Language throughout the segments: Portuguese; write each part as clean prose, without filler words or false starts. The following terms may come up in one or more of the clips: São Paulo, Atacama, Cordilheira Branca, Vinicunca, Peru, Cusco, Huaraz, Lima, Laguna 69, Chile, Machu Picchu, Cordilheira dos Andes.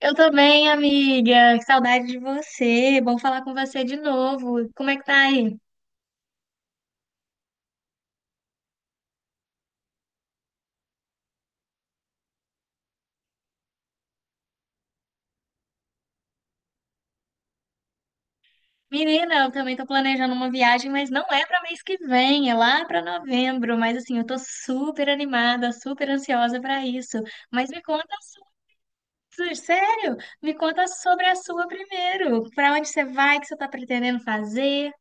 Eu tô bem, amiga. Que saudade de você. Bom falar com você de novo. Como é que tá aí? Menina, eu também tô planejando uma viagem, mas não é pra mês que vem, é lá pra novembro. Mas assim, eu tô super animada, super ansiosa pra isso. Mas me conta, sério, me conta sobre a sua primeiro. Pra onde você vai, o que você tá pretendendo fazer?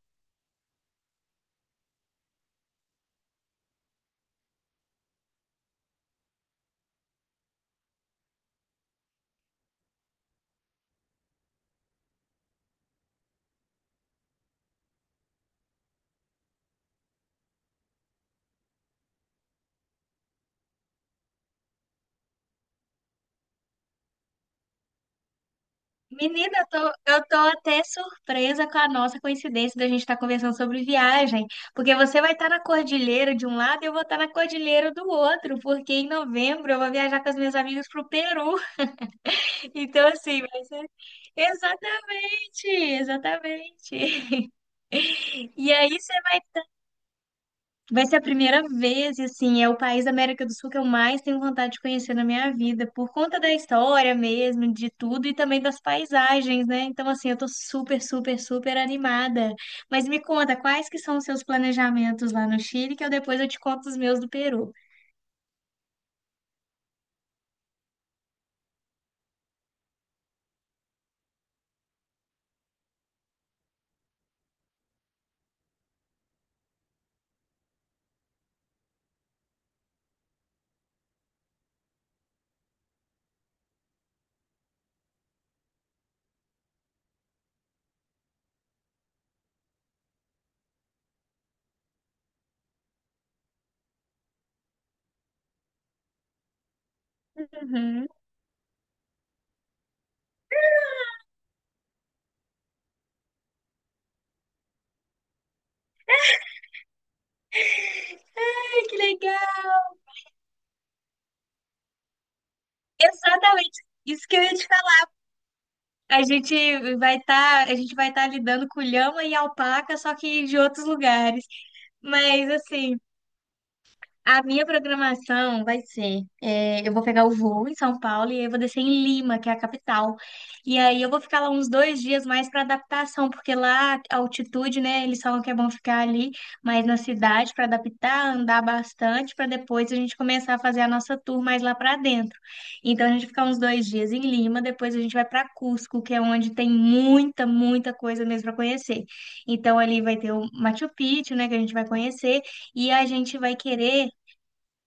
Menina, eu tô até surpresa com a nossa coincidência da gente estar conversando sobre viagem, porque você vai estar na cordilheira de um lado e eu vou estar na cordilheira do outro, porque em novembro eu vou viajar com as minhas amigas pro Peru. Então, assim, vai ser exatamente, exatamente. E aí, vai ser a primeira vez, e assim, é o país da América do Sul que eu mais tenho vontade de conhecer na minha vida, por conta da história mesmo, de tudo e também das paisagens, né? Então, assim, eu tô super, super, super animada. Mas me conta, quais que são os seus planejamentos lá no Chile, que eu depois eu te conto os meus do Peru. Uhum. Ai, que legal! Exatamente isso que eu ia te falar. A gente vai estar lidando com lhama e alpaca, só que de outros lugares. Mas assim, a minha programação vai ser, é, eu vou pegar o voo em São Paulo e aí eu vou descer em Lima, que é a capital. E aí eu vou ficar lá uns dois dias mais para adaptação, porque lá a altitude, né? Eles falam que é bom ficar ali, mas na cidade para adaptar, andar bastante, para depois a gente começar a fazer a nossa tour mais lá para dentro. Então a gente fica uns dois dias em Lima, depois a gente vai para Cusco, que é onde tem muita, muita coisa mesmo para conhecer. Então ali vai ter o Machu Picchu, né? Que a gente vai conhecer e a gente vai querer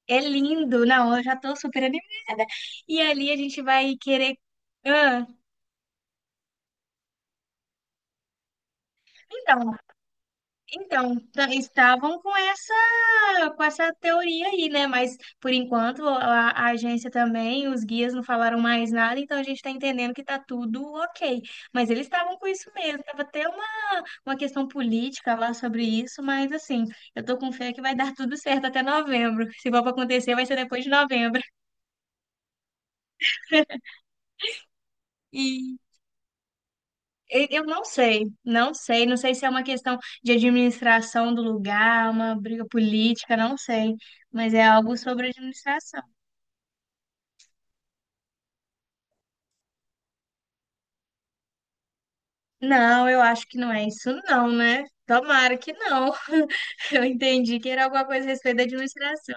é lindo, não, eu já tô super animada. E ali a gente vai querer. Ah, então, então, estavam com essa teoria aí, né? Mas por enquanto a agência também, os guias não falaram mais nada, então a gente tá entendendo que tá tudo ok. Mas eles estavam com isso mesmo, tava até uma questão política lá sobre isso, mas assim, eu tô com fé que vai dar tudo certo até novembro. Se for pra acontecer, vai ser depois de novembro. Eu não sei, não sei, não sei se é uma questão de administração do lugar, uma briga política, não sei, mas é algo sobre administração. Não, eu acho que não é isso não, né? Tomara que não. Eu entendi que era alguma coisa a respeito da administração.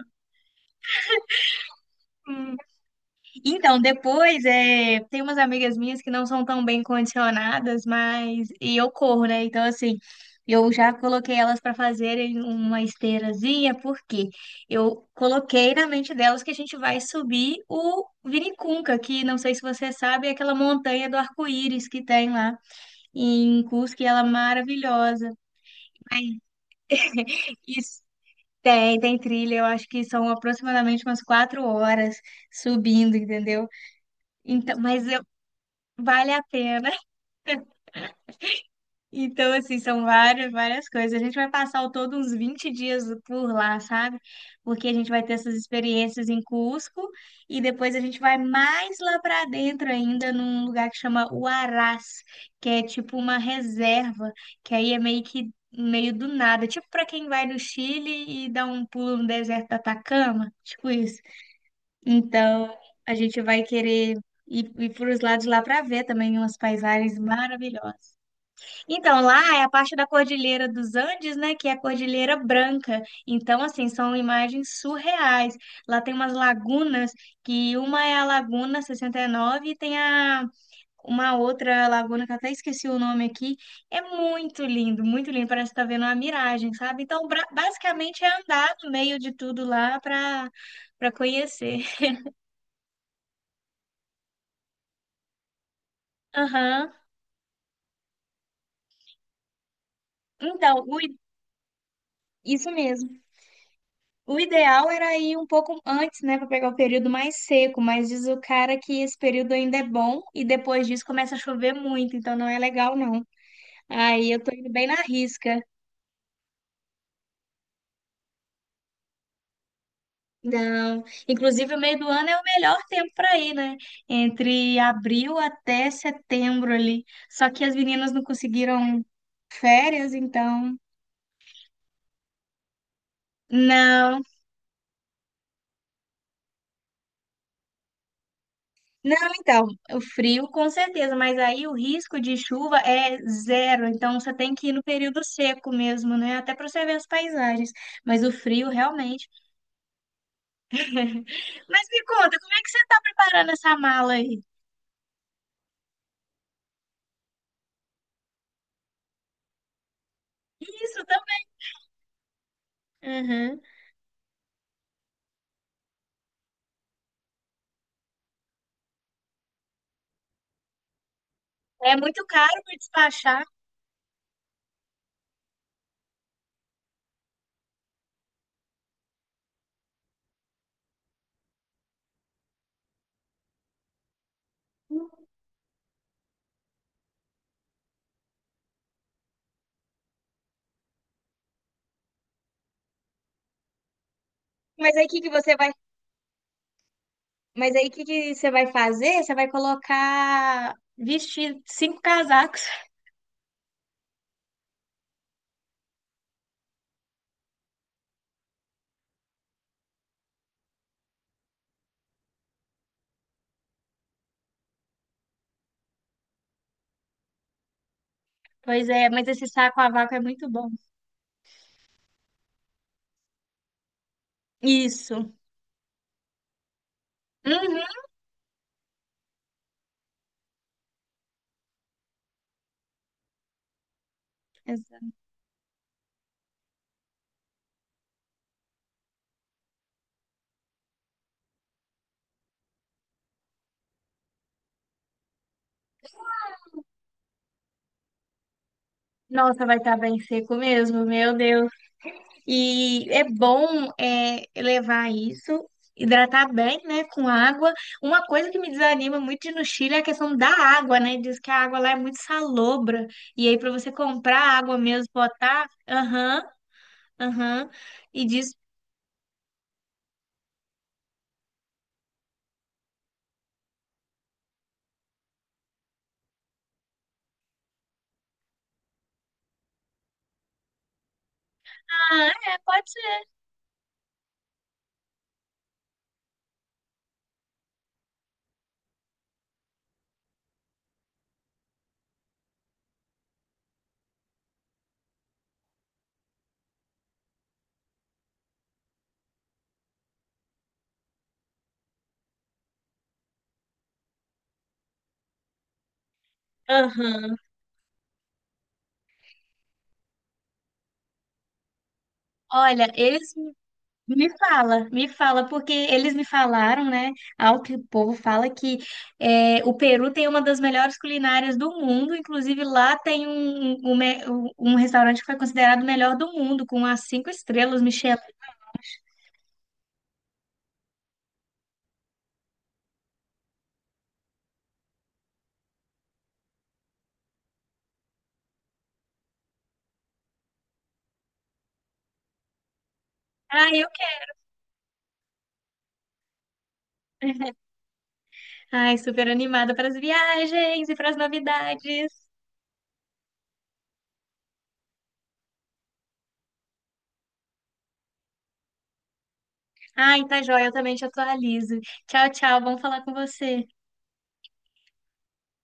Então, depois, é, tem umas amigas minhas que não são tão bem condicionadas, mas. E eu corro, né? Então, assim, eu já coloquei elas para fazerem uma esteirazinha, porque eu coloquei na mente delas que a gente vai subir o Vinicunca, que não sei se você sabe, é aquela montanha do arco-íris que tem lá em Cusco, e ela é maravilhosa. Aí, isso. Tem, tem trilha, eu acho que são aproximadamente umas quatro horas subindo, entendeu? Então, mas vale a pena. Então, assim, são várias, várias coisas. A gente vai passar ao todo uns 20 dias por lá, sabe? Porque a gente vai ter essas experiências em Cusco e depois a gente vai mais lá para dentro ainda, num lugar que chama Huaraz, que é tipo uma reserva, que aí é meio que meio do nada, tipo para quem vai no Chile e dá um pulo no deserto do Atacama, tipo isso. Então, a gente vai querer ir para os lados lá para ver também umas paisagens maravilhosas. Então, lá é a parte da Cordilheira dos Andes, né, que é a Cordilheira Branca. Então, assim, são imagens surreais. Lá tem umas lagunas, que uma é a Laguna 69 e tem a uma outra laguna que eu até esqueci o nome aqui. É muito lindo, parece que tá vendo uma miragem, sabe? Então, basicamente é andar no meio de tudo lá para para conhecer. Aham. Então, isso mesmo. O ideal era ir um pouco antes, né, para pegar o período mais seco, mas diz o cara que esse período ainda é bom e depois disso começa a chover muito, então não é legal não. Aí eu tô indo bem na risca. Não, inclusive o meio do ano é o melhor tempo para ir, né? Entre abril até setembro ali. Só que as meninas não conseguiram férias, então não. Não, então, o frio com certeza, mas aí o risco de chuva é zero, então você tem que ir no período seco mesmo, né? Até para você ver as paisagens, mas o frio realmente. Mas me conta, como é que você está preparando essa mala aí? Isso também. Uhum. É muito caro para despachar, mas aí o que que você vai, mas aí o que que você vai fazer? Você vai colocar vestir cinco casacos. Pois é, mas esse saco a vácuo é muito bom. Isso. Uhum. Nossa, vai estar bem seco mesmo, meu Deus. E é bom é, levar isso, hidratar bem, né, com água. Uma coisa que me desanima muito de ir no Chile é a questão da água, né? Diz que a água lá é muito salobra. E aí, para você comprar água mesmo, botar, aham, aham. E diz, ah, é, pode ser. Aham. Olha, eles me fala, me fala, porque eles me falaram, né? Ao que o povo fala que é, o Peru tem uma das melhores culinárias do mundo, inclusive lá tem um, um, um restaurante que foi considerado o melhor do mundo, com as cinco estrelas, Michelin. Ai, eu quero. Ai, super animada para as viagens e para as novidades. Ai, tá joia, eu também te atualizo. Tchau, tchau, vamos falar com você.